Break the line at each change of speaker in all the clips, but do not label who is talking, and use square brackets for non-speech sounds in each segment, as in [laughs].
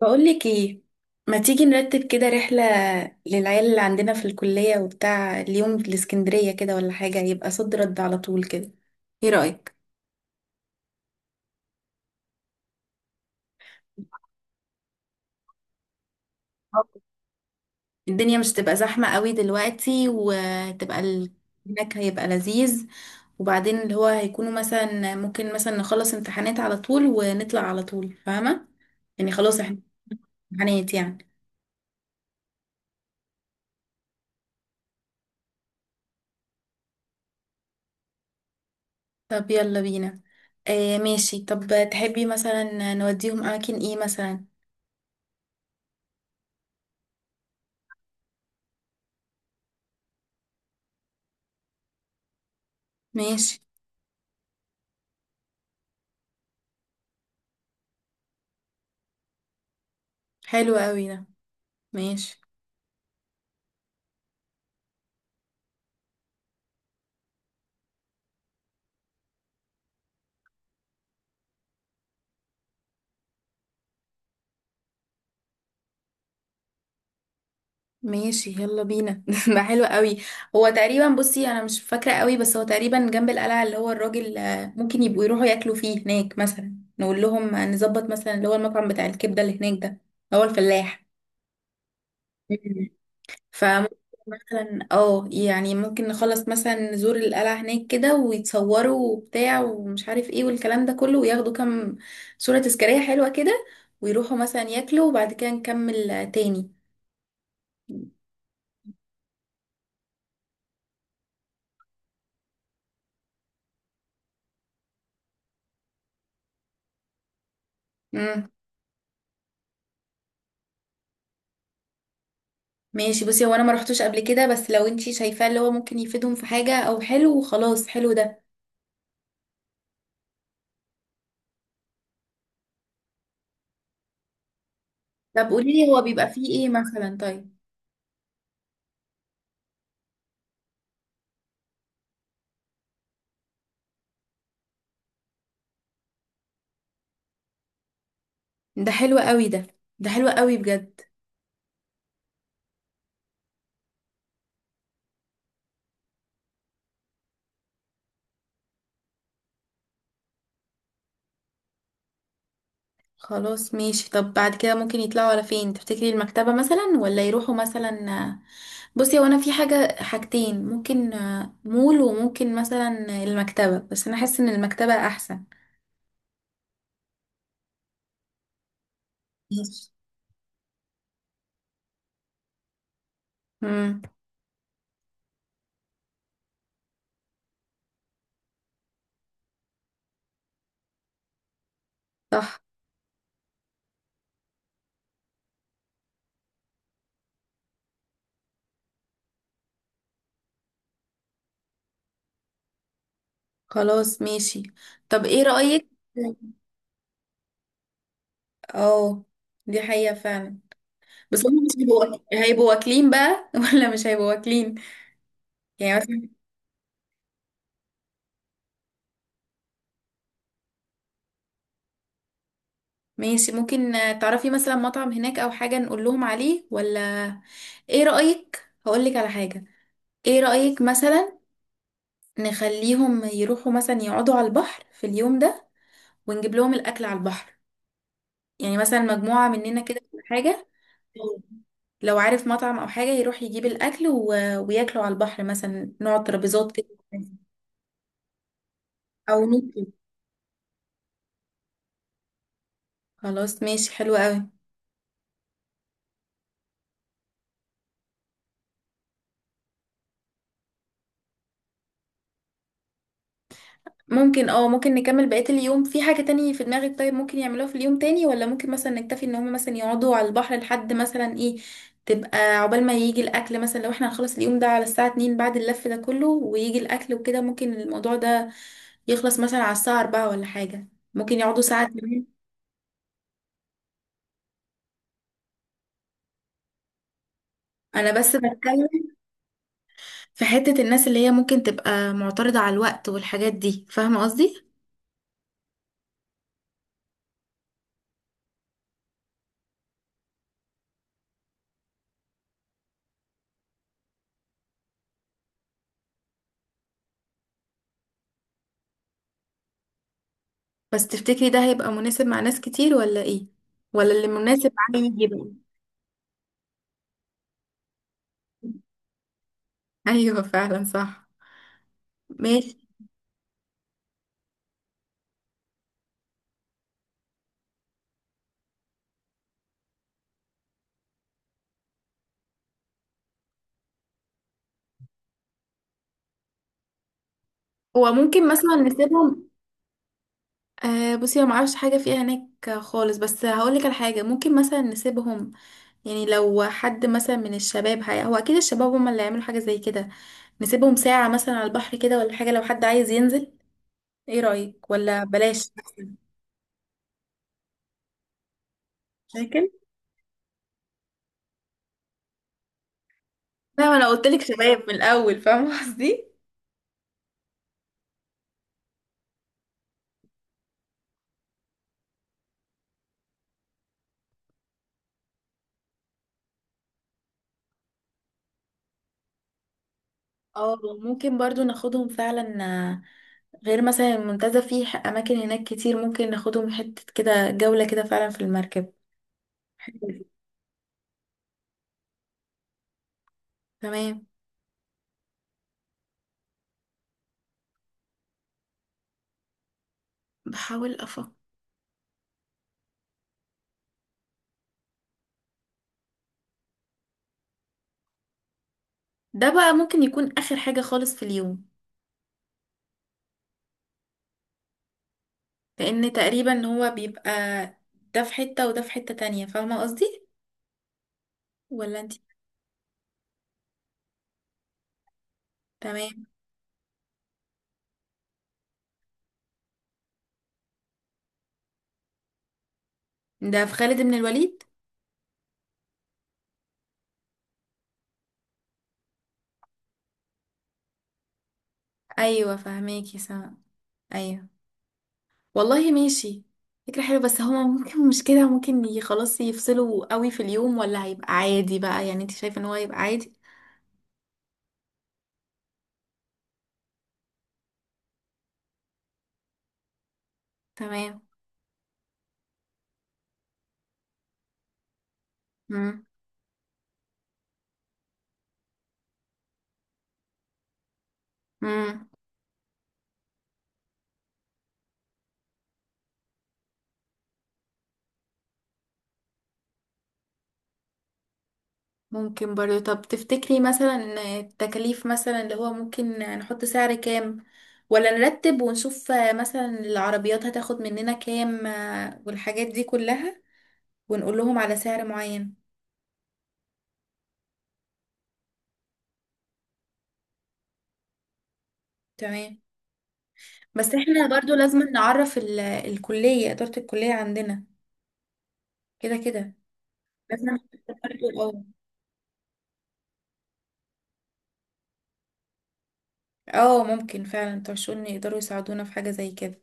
بقولك ايه، ما تيجي نرتب كده رحلة للعيال اللي عندنا في الكلية وبتاع اليوم الاسكندرية كده ولا حاجة يبقى صد رد على طول كده، ايه رأيك؟ آه. الدنيا مش تبقى زحمة قوي دلوقتي وتبقى هناك هيبقى لذيذ. وبعدين اللي هو هيكونوا مثلا ممكن مثلا نخلص امتحانات على طول ونطلع على طول، فاهمة؟ يعني خلاص احنا امتحانات يعني. طب يلا بينا. آه ماشي، طب تحبي مثلا نوديهم اماكن ايه مثلا؟ ماشي. حلو قوي ده. ماشي. ماشي يلا بينا [laughs] ده حلو قوي. هو تقريبا، بصي انا مش فاكره قوي، بس هو تقريبا جنب القلعه اللي هو الراجل، ممكن يبقوا يروحوا ياكلوا فيه هناك، مثلا نقول لهم نظبط مثلا اللي هو المطعم بتاع الكبده اللي هناك ده، اللي هو الفلاح. مم. فممكن مثلا، اه يعني ممكن نخلص مثلا نزور القلعة هناك كده ويتصوروا وبتاع ومش عارف ايه والكلام ده كله وياخدوا كام صورة تذكارية حلوة كده، ويروحوا مثلا ياكلوا وبعد كده نكمل تاني. مم. ماشي، بصي هو انا ما رحتوش قبل كده بس لو انتي شايفاه اللي هو ممكن يفيدهم في حاجة او حلو، خلاص حلو ده. طب قولي لي هو بيبقى فيه ايه مثلا طيب؟ ده حلو قوي ده. ده حلو قوي بجد. خلاص ماشي، طب بعد كده ممكن يطلعوا على فين تفتكري؟ المكتبة مثلا ولا يروحوا مثلا، آه، بصي هو انا في حاجة حاجتين ممكن، مول وممكن مثلا المكتبة، بس انا حاسة ان المكتبة احسن. ماشي. امم. صح. خلاص ماشي. طب ايه رأيك؟ اه، دي حقيقة فعلا. بس هم مش هيبقوا هيبقوا واكلين بقى [laughs] ولا مش هيبقوا واكلين يعني مثلا؟ ماشي، ممكن تعرفي مثلا مطعم هناك او حاجة نقول لهم عليه ولا؟ ايه رأيك، هقولك على حاجة، ايه رأيك مثلا نخليهم يروحوا مثلا يقعدوا على البحر في اليوم ده ونجيب لهم الاكل على البحر؟ يعني مثلا مجموعة مننا كده ولا حاجة، لو عارف مطعم او حاجة يروح يجيب الاكل وياكلوا على البحر، مثلا نقعد ترابيزات كده او نطلب. خلاص ماشي، حلو قوي. ممكن اه، ممكن نكمل بقية اليوم في حاجة تانية في دماغك؟ طيب ممكن يعملوها في اليوم تاني ولا ممكن مثلا نكتفي ان هم مثلا يقعدوا على البحر لحد مثلا ايه، تبقى عقبال ما يجي الاكل مثلا؟ لو احنا هنخلص اليوم ده على الساعة 2 بعد اللف ده كله ويجي الاكل وكده، ممكن الموضوع ده يخلص مثلا على الساعة 4 ولا حاجة، ممكن يقعدوا ساعة كمان. انا بس بتكلم في حتة الناس اللي هي ممكن تبقى معترضة على الوقت والحاجات دي، فاهمة قصدي؟ بس تفتكري ده هيبقى مناسب مع ناس كتير ولا ايه؟ ولا اللي مناسب معاه يجي بقى. [laughs] ايوه فعلا صح. ماشي. هو ممكن مثلا نسيبهم، آه بصي انا معرفش حاجه فيها هناك خالص، بس هقولك على حاجه ممكن مثلا نسيبهم، يعني لو حد مثلا من الشباب، هي هو اكيد الشباب هم اللي هيعملوا حاجه زي كده، نسيبهم ساعه مثلا على البحر كده ولا حاجه لو حد عايز ينزل. ايه رايك ولا بلاش أحسن؟ شاكل، فاهمه؟ انا قلت لك شباب من الاول، فاهمه قصدي؟ اه ممكن برضو ناخدهم فعلا، غير مثلا المنتزه فيه اماكن هناك كتير ممكن ناخدهم حته كده جوله كده فعلا في المركب. حلو. تمام. بحاول افكر. ده بقى ممكن يكون اخر حاجة خالص في اليوم، لان تقريبا هو بيبقى ده في حتة وده في حتة تانية، فاهمة قصدي ولا انت؟ تمام. ده في خالد بن الوليد؟ ايوه فهماكي سما. ايوه. والله ماشي، فكرة حلوة. بس هما ممكن مش كده ممكن خلاص يفصلوا قوي في اليوم، ولا هيبقى عادي بقى؟ يعني انت شايفة ان هو هيبقى عادي؟ تمام. امم. ممكن برضه. طب تفتكري مثلا التكاليف مثلا اللي هو ممكن نحط سعر كام، ولا نرتب ونشوف مثلا العربيات هتاخد مننا كام، والحاجات دي كلها، ونقول لهم على سعر معين؟ تمام. بس احنا برضه لازم نعرف الكلية، إدارة الكلية عندنا كده كده لازم برضه. اه اه، ممكن فعلا ترشوني يقدروا يساعدونا في حاجة زي كده.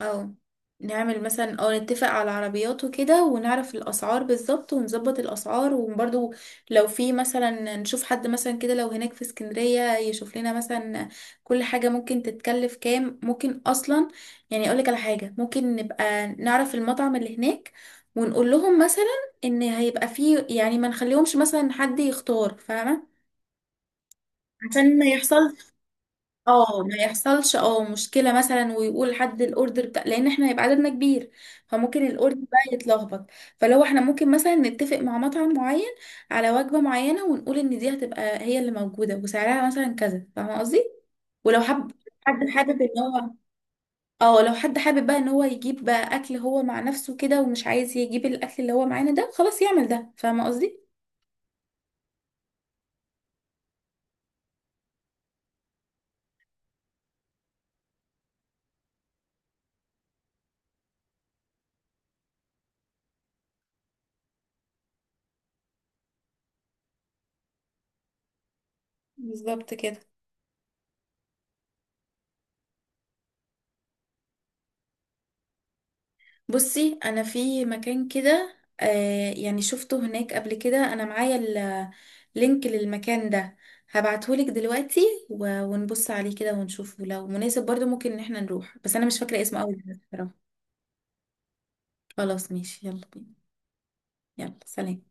اه، نعمل مثلا او نتفق على العربيات وكده ونعرف الاسعار بالظبط ونظبط الاسعار، وبرضو لو في مثلا نشوف حد مثلا كده لو هناك في اسكندرية يشوف لنا مثلا كل حاجة ممكن تتكلف كام ممكن اصلا. يعني اقولك على حاجة، ممكن نبقى نعرف المطعم اللي هناك ونقول لهم مثلا ان هيبقى فيه، يعني ما نخليهمش مثلا حد يختار، فاهمة؟ عشان ما يحصلش اه، ما يحصلش اه مشكله مثلا ويقول حد الاوردر بتاع، لان احنا هيبقى عددنا كبير فممكن الاوردر بقى يتلخبط. فلو احنا ممكن مثلا نتفق مع مطعم معين على وجبه معينه ونقول ان دي هتبقى هي اللي موجوده وسعرها مثلا كذا، فاهمه قصدي؟ ولو حب حد حابب ان هو، اه لو حد حابب بقى ان هو يجيب بقى اكل هو مع نفسه كده ومش عايز يجيب الاكل اللي هو معانا ده، خلاص يعمل ده، فاهمه قصدي؟ بالظبط كده. بصي انا في مكان كده، آه يعني شفته هناك قبل كده، انا معايا اللينك للمكان ده، هبعتهولك دلوقتي ونبص عليه كده ونشوفه لو مناسب، برضو ممكن ان احنا نروح، بس انا مش فاكرة اسمه قوي بصراحة. خلاص. ماشي يلا بينا. يلا سلام.